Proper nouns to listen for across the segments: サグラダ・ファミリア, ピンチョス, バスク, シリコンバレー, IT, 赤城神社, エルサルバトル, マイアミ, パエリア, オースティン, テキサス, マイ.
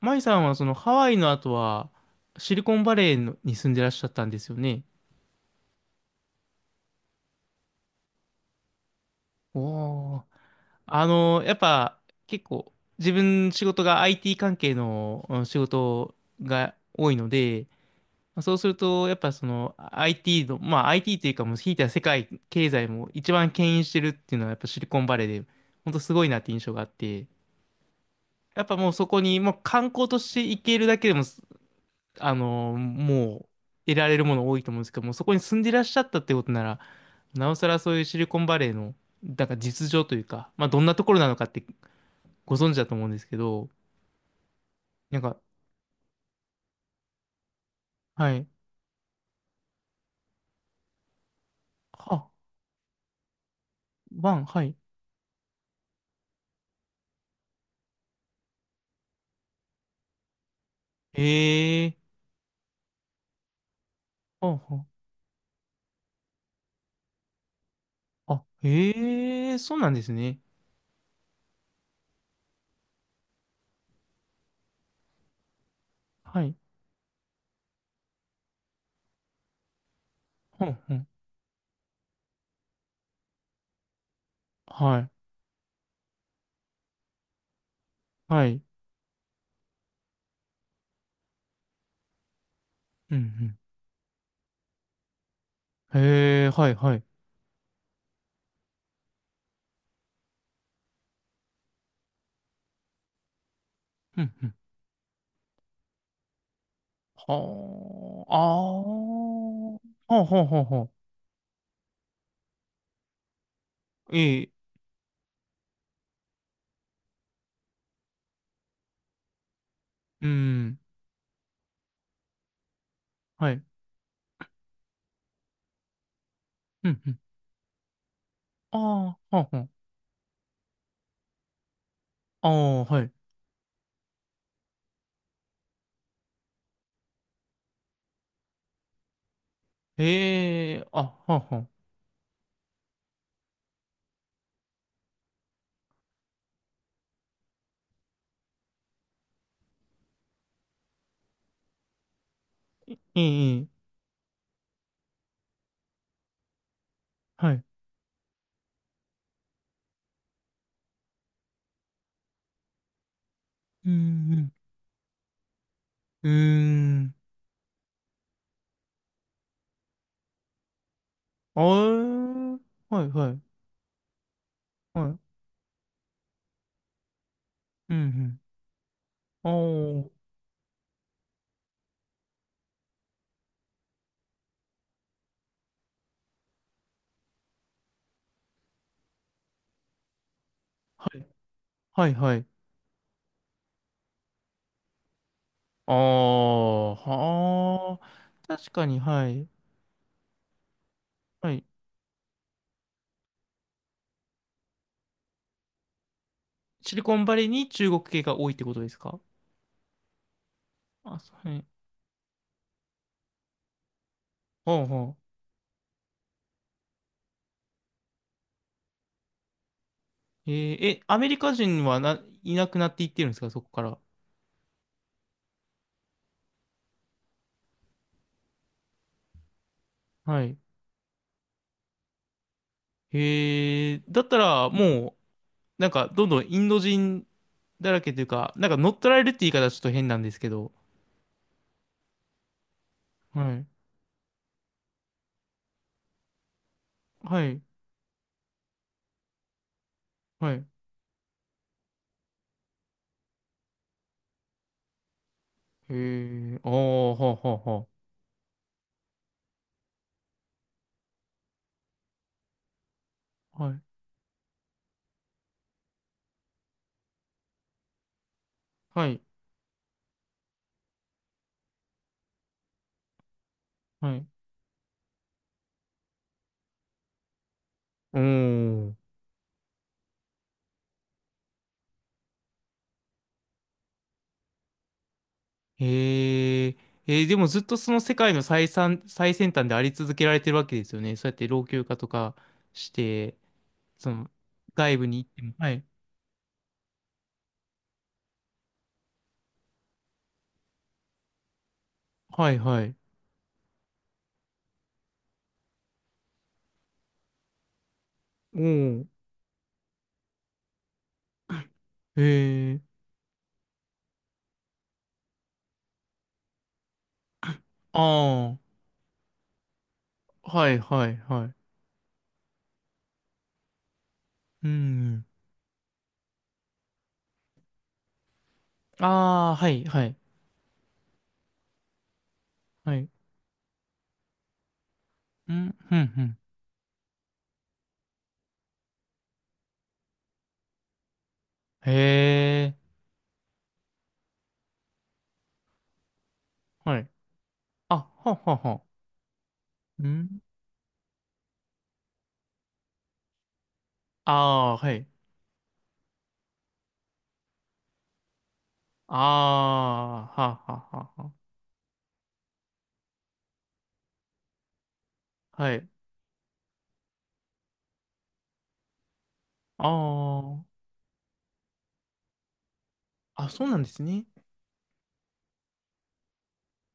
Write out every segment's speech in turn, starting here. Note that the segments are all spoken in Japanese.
マイさんはそのハワイの後はシリコンバレーのに住んでらっしゃったんですよね。おー。あの、やっぱ結構自分仕事が IT 関係の仕事が多いので、そうするとやっぱその IT の、まあ IT というかもうひいては世界経済も一番牽引してるっていうのはやっぱシリコンバレーで本当すごいなって印象があって、やっぱもうそこにもう観光として行けるだけでもあの、もう、得られるもの多いと思うんですけども、そこに住んでいらっしゃったってことなら、なおさらそういうシリコンバレーの、なんか実情というか、まあ、どんなところなのかってご存知だと思うんですけど、なんか、はい。あ、ワン、はい。へえ、あ、はあ、へえ、そうなんですね。はい。ほんほん。はい。はい。うん、うん。へえ、はい、はい。うん、うん。はあ、ああ、ほうほうほうほう。ええ、うん。はい。うんうん。ああ、はんはん。ああ、はい。ええ、あ、はんはん。いい、いい。はい。うん、うん。うーん。あー、はい、はい。はい。うん、うん。ああ、はい、はい、はい。ああ、はあ。確かに、はい。はい。シリコンバレーに中国系が多いってことですか？あ、そう、はい。はあ、はあ。えー、え、アメリカ人はな、いなくなっていってるんですかそこから？はい。へえ、だったら、もう、なんか、どんどんインド人だらけというか、なんか乗っ取られるって言い方はちょっと変なんですけど、はい、はい、はい、へえ、ああ、はあ、はあ、はあ、はい、はい、はい、おー、へえ、えーでもずっとその世界の最先、最先端であり続けられてるわけですよね。そうやって老朽化とかして、その、外部に行っても、はい、はい、はい、おー、へえ、ああ、はい、はい、はい、うん、ああ、はい、はい、はい。うん、うん、うん。へえ、はい。あ、ははは。うん。ああ、はい。ああ、はははは。はい。ああ、あ、そうなんですね。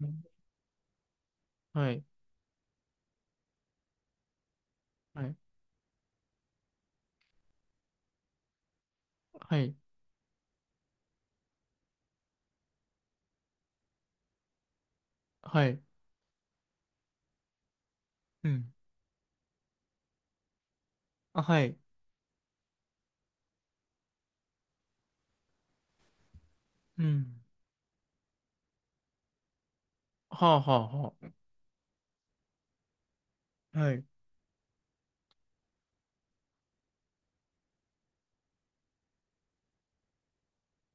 うん、はい、はい、はい、はい。うん。あ、はい。うん。はあ、はあ、はあ。はい。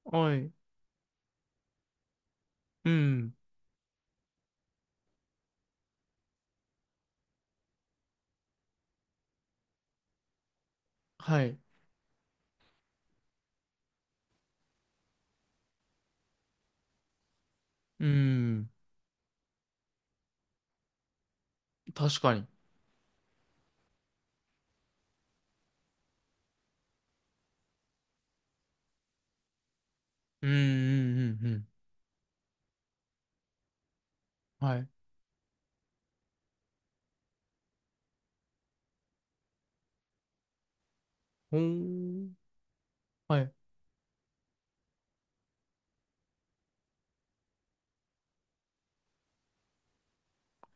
はい。うん。はい。うん。確かに。うん、うん、うん、うん。はい。ほー。はい。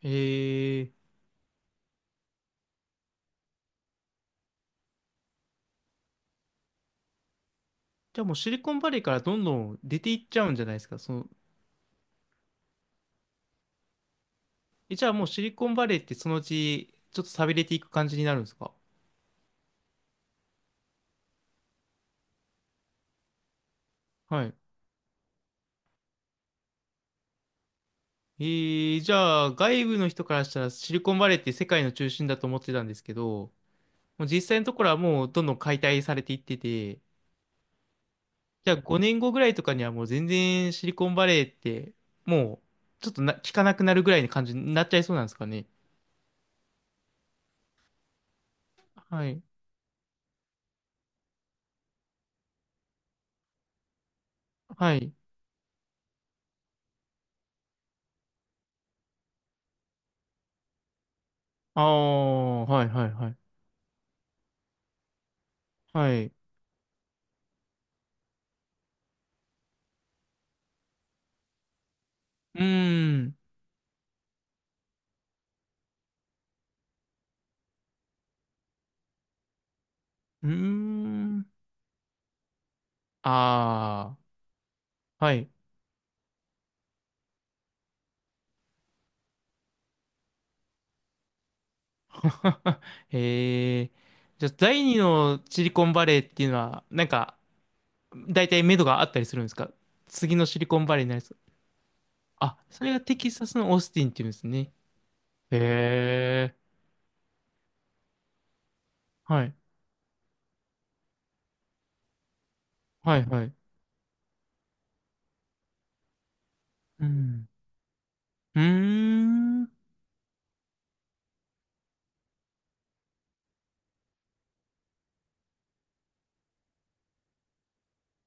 ええ。じゃあもうシリコンバレーからどんどん出ていっちゃうんじゃないですか？その、え、じゃあもうシリコンバレーってそのうちちょっと寂れていく感じになるんですか？はい。えー、じゃあ外部の人からしたらシリコンバレーって世界の中心だと思ってたんですけど、もう実際のところはもうどんどん解体されていってて、じゃあ5年後ぐらいとかにはもう全然シリコンバレーってもうちょっとな、聞かなくなるぐらいの感じになっちゃいそうなんですかね？はい。はい。ああ、はいはいはい。はい。うーん。うーん。ああ、はい。へえ。じゃあ、第二のシリコンバレーっていうのは、なんか、大体目処があったりするんですか？次のシリコンバレーになりそう。あ、それがテキサスのオースティンっていうんですね。へえ。はい。はい、はい。うん。うーん。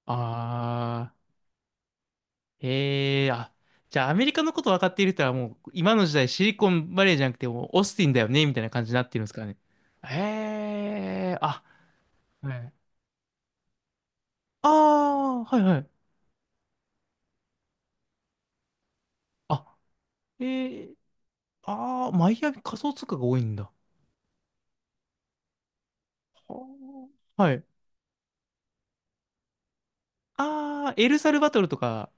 あー。へえ。あ、じゃあ、アメリカのこと分かっている人はもう、今の時代シリコンバレーじゃなくて、もうオースティンだよね、みたいな感じになってるんですからね。へえ。あ、はい。ああ、はい、はい。あ、えー、ああ、マイアミ仮想通貨が多いんだ。はあはい。ああ、エルサルバトルとか。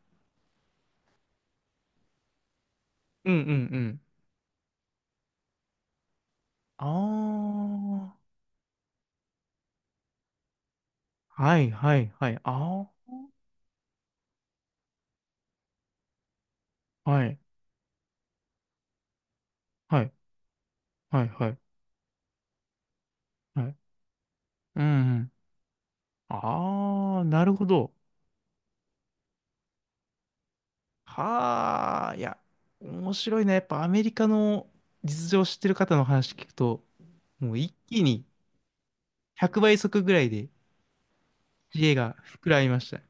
うんうんうん。ああ、はいはいはい。ああ、はいはいはいはいはい。うんうん。ああ、なるほど。はあ、いや、面白いね。やっぱアメリカの実情を知ってる方の話聞くと、もう一気に100倍速ぐらいで知恵が膨らみました。